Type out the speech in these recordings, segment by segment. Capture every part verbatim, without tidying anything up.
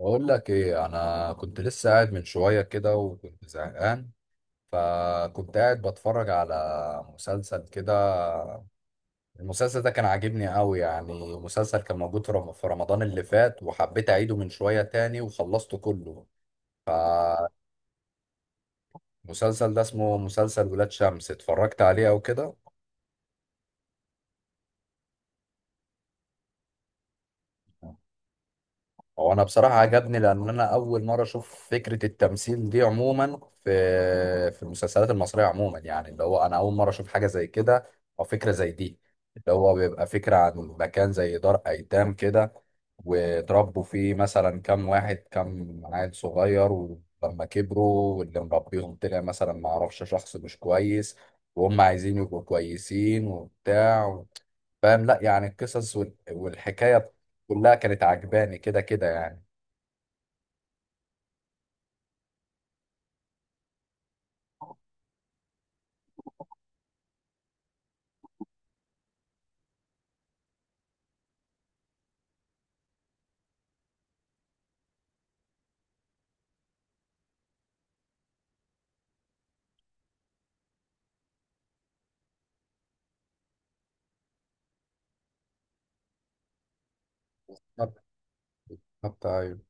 بقول لك ايه، انا كنت لسه قاعد من شويه كده وكنت زهقان. فكنت قاعد بتفرج على مسلسل كده. المسلسل ده كان عاجبني قوي يعني. مسلسل كان موجود في رم- في رمضان اللي فات، وحبيت اعيده من شويه تاني وخلصته كله. فالمسلسل ده اسمه مسلسل ولاد شمس، اتفرجت عليه او كده. هو انا بصراحه عجبني، لان انا اول مره اشوف فكره التمثيل دي عموما في في المسلسلات المصريه عموما. يعني اللي هو انا اول مره اشوف حاجه زي كده او فكره زي دي. اللي هو بيبقى فكره عن مكان زي دار ايتام كده، وتربوا فيه مثلا كام واحد كام عيل صغير، ولما كبروا واللي مربيهم طلع مثلا ما اعرفش شخص مش كويس، وهم عايزين يبقوا كويسين وبتاع. فاهم؟ لا يعني القصص وال- والحكاية كلها كانت عجباني كده كده يعني. بالظبط. بالظبط، ايوه.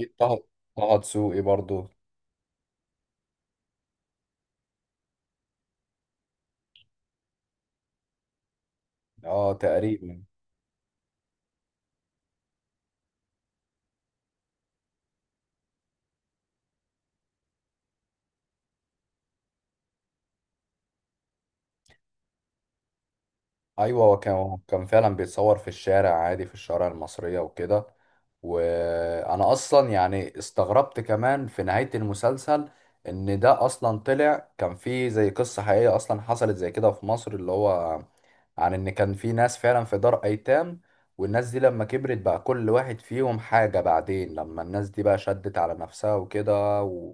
اكيد طه. طه دسوقي برضو. اه تقريبا. ايوه، هو كان هو كان فعلا بيتصور في الشارع عادي، في الشوارع المصريه وكده. وانا اصلا يعني استغربت كمان في نهايه المسلسل، ان ده اصلا طلع كان في زي قصه حقيقيه اصلا حصلت زي كده في مصر. اللي هو عن ان كان في ناس فعلا في دار ايتام، والناس دي لما كبرت بقى كل واحد فيهم حاجة. بعدين لما الناس دي بقى شدت على نفسها وكده، و...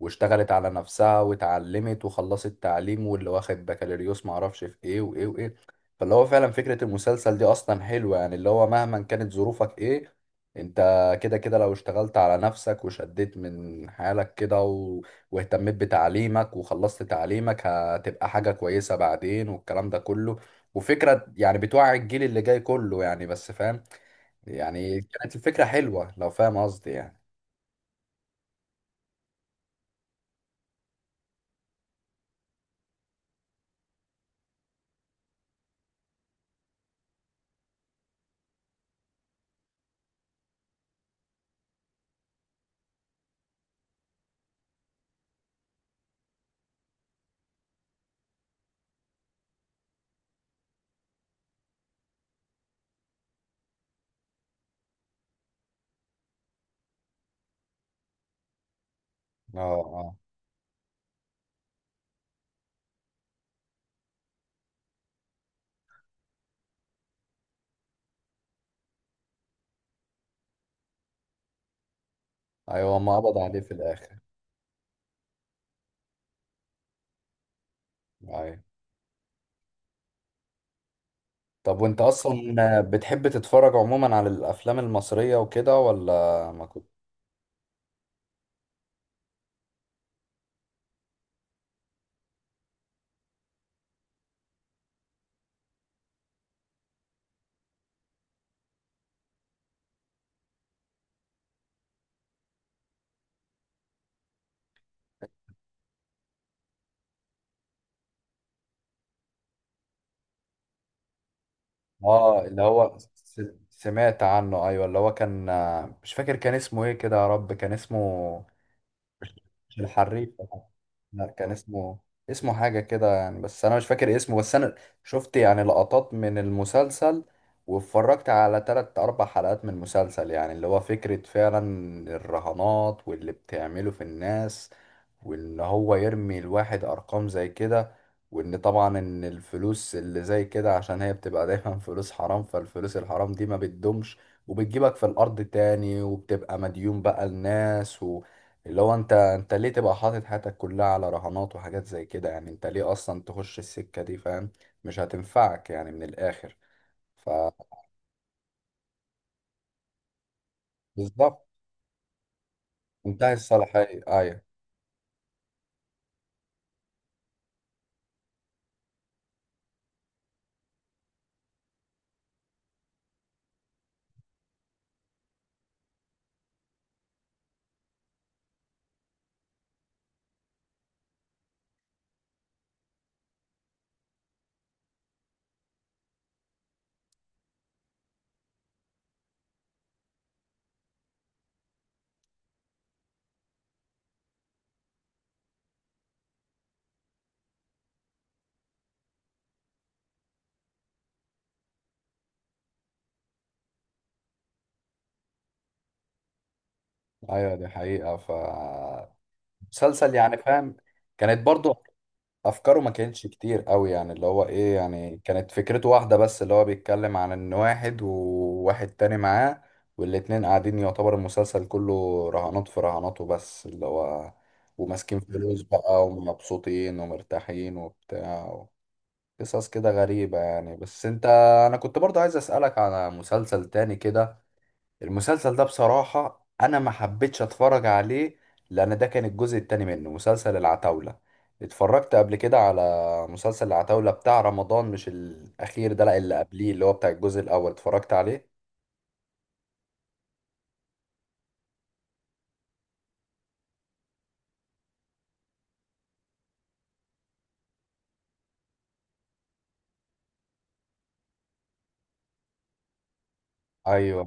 واشتغلت على نفسها واتعلمت وخلصت تعليم، واللي واخد بكالوريوس معرفش في ايه وايه وايه. فاللي هو فعلا فكرة المسلسل دي اصلا حلوة يعني. اللي هو مهما كانت ظروفك ايه، انت كده كده لو اشتغلت على نفسك وشديت من حالك كده، و... واهتميت بتعليمك وخلصت تعليمك، هتبقى حاجة كويسة بعدين، والكلام ده كله. وفكرة يعني بتوعي الجيل اللي جاي كله يعني، بس فاهم؟ يعني كانت الفكرة حلوة لو فاهم قصدي يعني. اه اه. ايوه، ما قبض عليه في الاخر. ايوه. طب وانت اصلا بتحب تتفرج عموما على الافلام المصرية وكده، ولا؟ ما كنت. اه اللي هو س- سمعت عنه، ايوه، اللي هو كان. مش فاكر كان اسمه ايه كده، يا رب كان اسمه. مش الحريف. لا كان اسمه اسمه حاجة كده يعني، بس أنا مش فاكر اسمه. بس أنا شفت يعني لقطات من المسلسل، واتفرجت على تلات أربع حلقات من المسلسل. يعني اللي هو فكرة فعلا الرهانات واللي بتعمله في الناس، وان هو يرمي الواحد ارقام زي كده. وان طبعا ان الفلوس اللي زي كده، عشان هي بتبقى دايما فلوس حرام، فالفلوس الحرام دي ما بتدومش وبتجيبك في الارض تاني، وبتبقى مديون بقى الناس و... اللي هو انت انت ليه تبقى حاطط حياتك كلها على رهانات وحاجات زي كده؟ يعني انت ليه اصلا تخش السكة دي؟ فاهم؟ مش هتنفعك يعني من الاخر. فبالظبط. منتهي الصلاحية، ايوه. ايوه دي حقيقة. ف مسلسل يعني، فاهم؟ كانت برضو افكاره ما كانتش كتير قوي يعني. اللي هو ايه يعني، كانت فكرته واحده بس، اللي هو بيتكلم عن ان واحد وواحد تاني معاه، والاتنين قاعدين يعتبر المسلسل كله رهانات في رهانات وبس. اللي هو وماسكين فلوس بقى ومبسوطين ومرتاحين وبتاع. قصص كده غريبة يعني. بس انت، انا كنت برضه عايز اسألك على مسلسل تاني كده. المسلسل ده بصراحة أنا ما حبيتش أتفرج عليه، لأن ده كان الجزء التاني منه، مسلسل العتاولة. اتفرجت قبل كده على مسلسل العتاولة بتاع رمضان، مش الأخير ده لأ، اللي قبليه اللي هو بتاع الجزء الأول اتفرجت عليه. أيوه.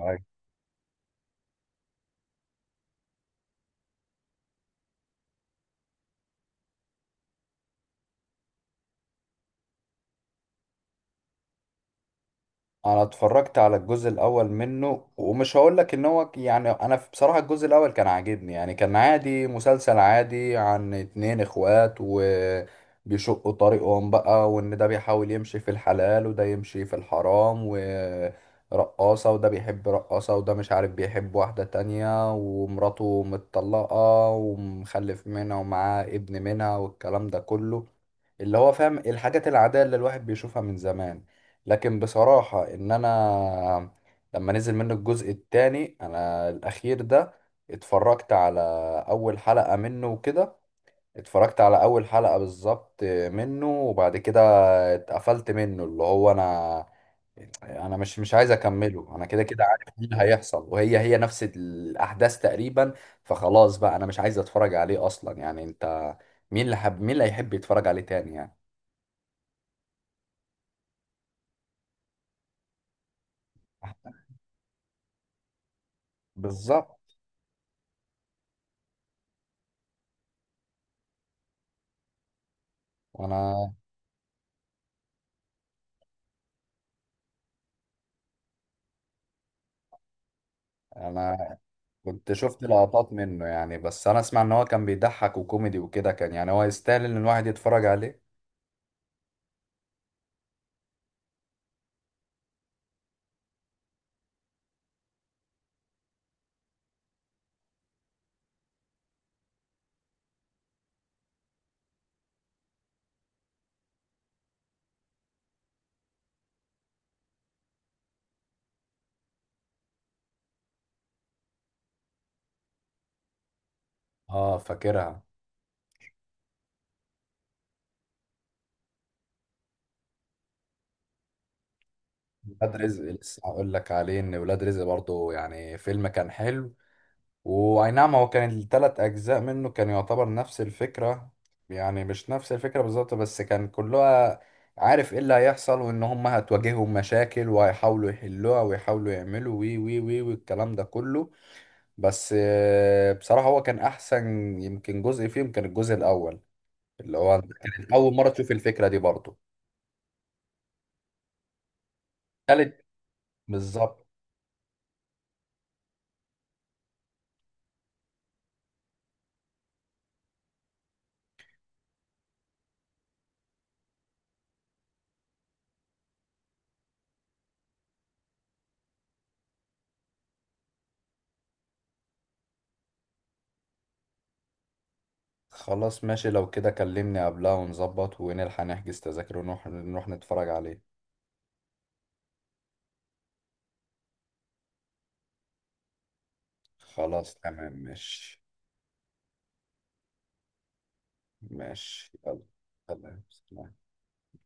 انا اتفرجت على الجزء الاول منه، ومش هقول لك ان هو يعني انا في- بصراحة الجزء الاول كان عاجبني يعني. كان عادي، مسلسل عادي عن اتنين اخوات وبيشقوا طريقهم بقى، وان ده بيحاول يمشي في الحلال وده يمشي في الحرام ورقاصة، وده بيحب رقاصة وده مش عارف بيحب واحدة تانية، ومراته متطلقة ومخلف منها ومعاه ابن منها، والكلام ده كله. اللي هو فاهم الحاجات العادية اللي الواحد بيشوفها من زمان. لكن بصراحة ان انا لما نزل منه الجزء التاني، انا الاخير ده، اتفرجت على اول حلقة منه وكده. اتفرجت على اول حلقة بالظبط منه، وبعد كده اتقفلت منه. اللي هو انا، انا مش مش عايز اكمله. انا كده كده عارف ايه اللي هيحصل، وهي هي نفس الاحداث تقريبا. فخلاص بقى انا مش عايز اتفرج عليه اصلا يعني. انت مين اللي حب؟ مين اللي هيحب يتفرج عليه تاني يعني؟ بالظبط. وانا، انا كنت شفت لقطات منه يعني، بس انا اسمع ان هو كان بيضحك وكوميدي وكده، كان يعني هو يستاهل ان الواحد يتفرج عليه. اه فاكرها. ولاد رزق، لسه هقول لك عليه ان ولاد رزق برضه يعني فيلم كان حلو. واي نعم، هو كان الثلاث اجزاء منه كان يعتبر نفس الفكرة. يعني مش نفس الفكرة بالظبط، بس كان كلها عارف ايه اللي هيحصل، وان هم هتواجههم مشاكل وهيحاولوا يحلوها ويحاولوا يعملوا وي وي وي، والكلام ده كله. بس آه، بصراحة هو كان أحسن. يمكن جزء فيهم كان الجزء الأول، اللي هو أنت كانت أول مرة تشوف الفكرة دي برضه. تالت، بالظبط. خلاص ماشي، لو كده كلمني قبلها ونظبط ونلحق نحجز تذاكر، ونروح نروح نتفرج عليه. خلاص تمام، ماشي. ماشي يلا. سلام.